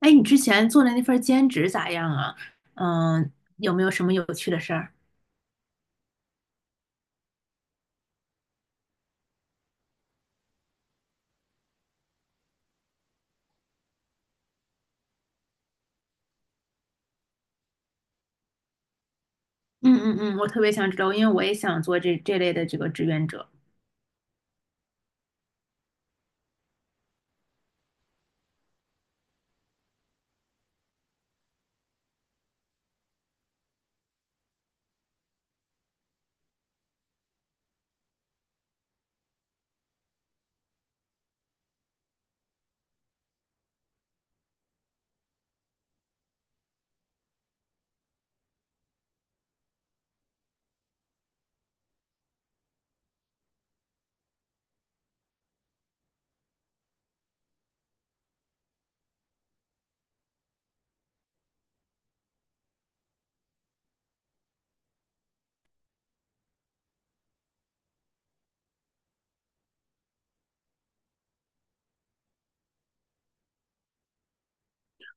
哎，你之前做的那份兼职咋样啊？嗯，有没有什么有趣的事儿？嗯嗯嗯，我特别想知道，因为我也想做这类的这个志愿者。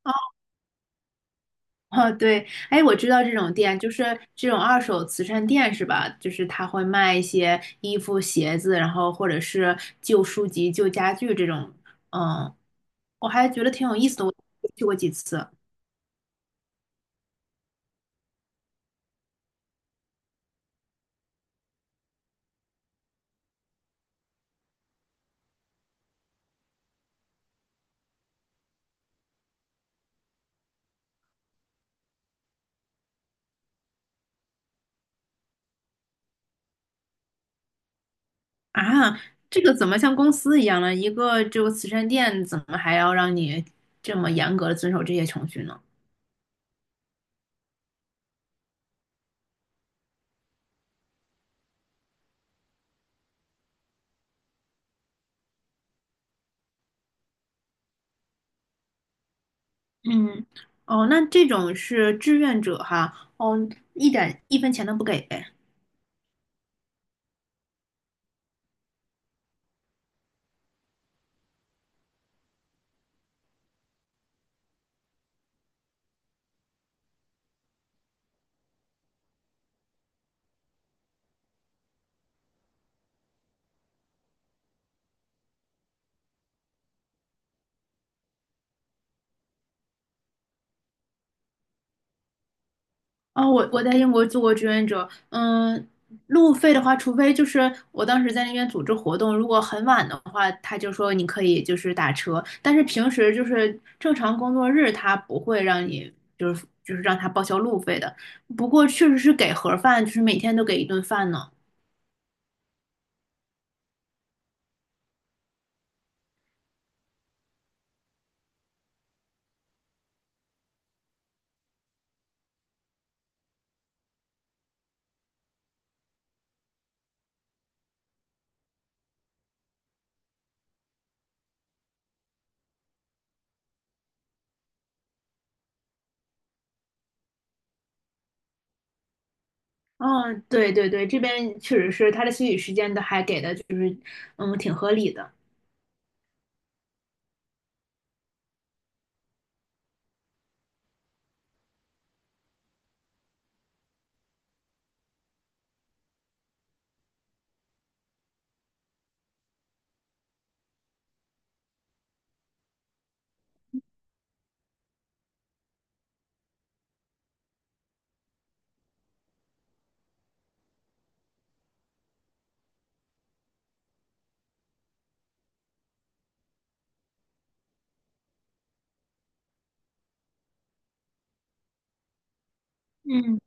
哦，哦对，哎，我知道这种店就是这种二手慈善店是吧？就是他会卖一些衣服、鞋子，然后或者是旧书籍、旧家具这种。嗯，我还觉得挺有意思的，我去过几次。啊，这个怎么像公司一样呢？一个就慈善店，怎么还要让你这么严格的遵守这些程序呢？嗯，哦，那这种是志愿者哈，哦，一点一分钱都不给。哦，我在英国做过志愿者。嗯，路费的话，除非就是我当时在那边组织活动，如果很晚的话，他就说你可以就是打车，但是平时就是正常工作日，他不会让你就是让他报销路费的。不过确实是给盒饭，就是每天都给一顿饭呢。嗯，对对对，这边确实是他的休息时间都还给的，就是嗯挺合理的。嗯。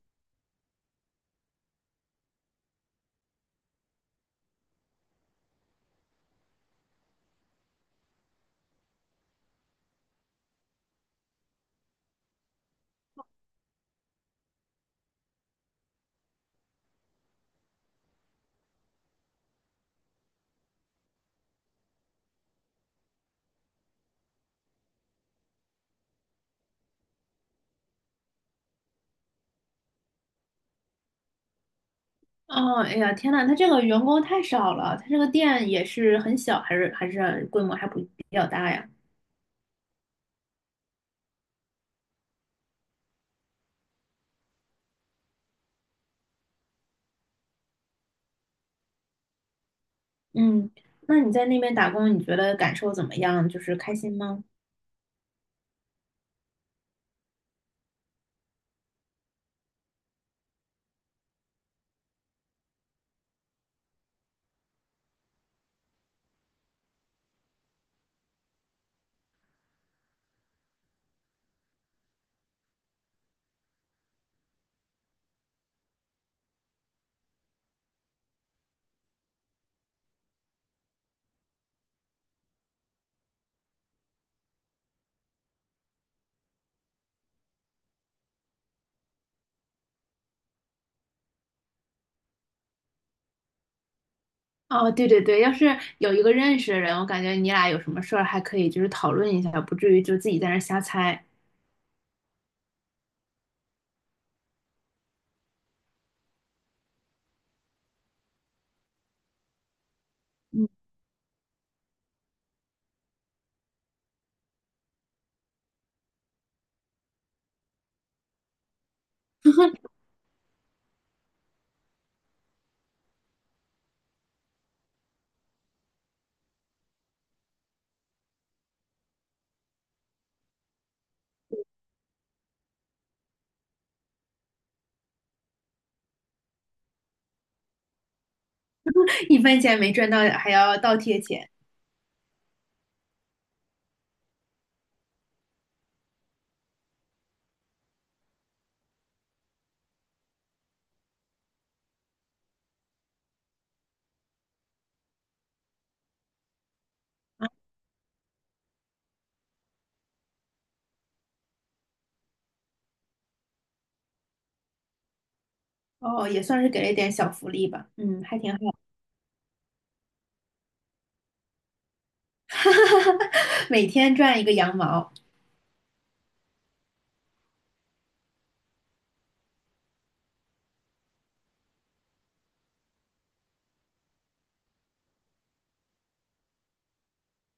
哦，哎呀，天呐，他这个员工太少了，他这个店也是很小，还是还是规模还不比较大呀？嗯，那你在那边打工，你觉得感受怎么样？就是开心吗？哦，对对对，要是有一个认识的人，我感觉你俩有什么事儿还可以就是讨论一下，不至于就自己在那儿瞎猜。嗯，一分钱没赚到，还要倒贴钱。哦，也算是给了一点小福利吧。嗯，还挺好。每天赚一个羊毛。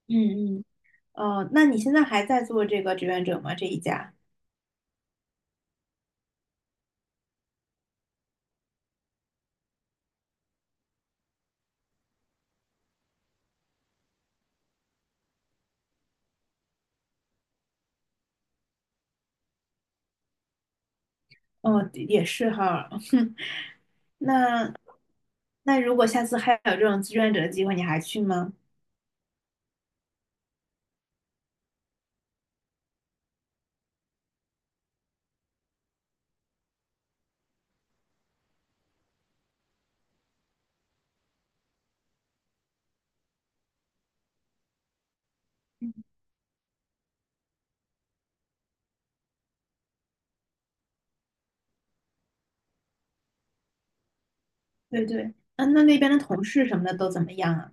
嗯嗯。哦，那你现在还在做这个志愿者吗？这一家？哦，也是哈。那那如果下次还有这种志愿者的机会，你还去吗？对对，嗯，那那边的同事什么的都怎么样啊？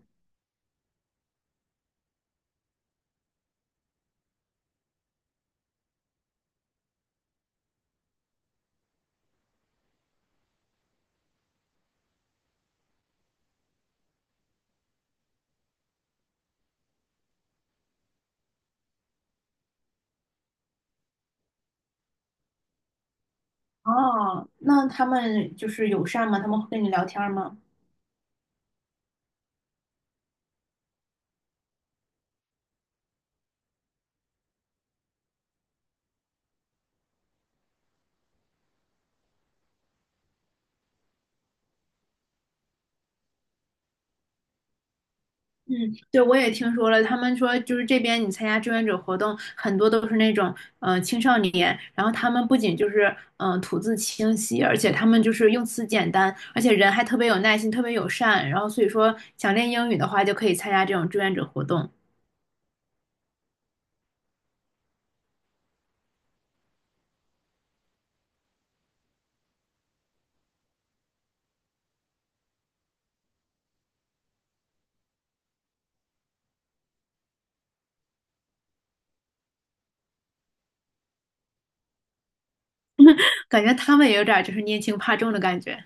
哦，那他们就是友善吗？他们会跟你聊天吗？嗯，对，我也听说了，他们说就是这边你参加志愿者活动，很多都是那种青少年，然后他们不仅就是吐字清晰，而且他们就是用词简单，而且人还特别有耐心，特别友善，然后所以说想练英语的话就可以参加这种志愿者活动。感觉他们也有点儿就是拈轻怕重的感觉。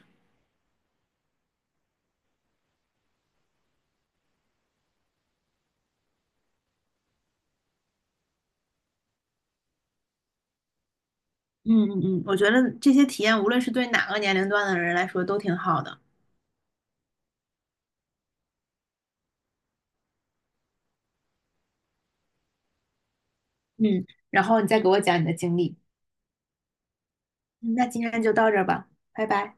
嗯嗯嗯，我觉得这些体验无论是对哪个年龄段的人来说都挺好的。嗯，然后你再给我讲你的经历。嗯那今天就到这儿吧，拜拜。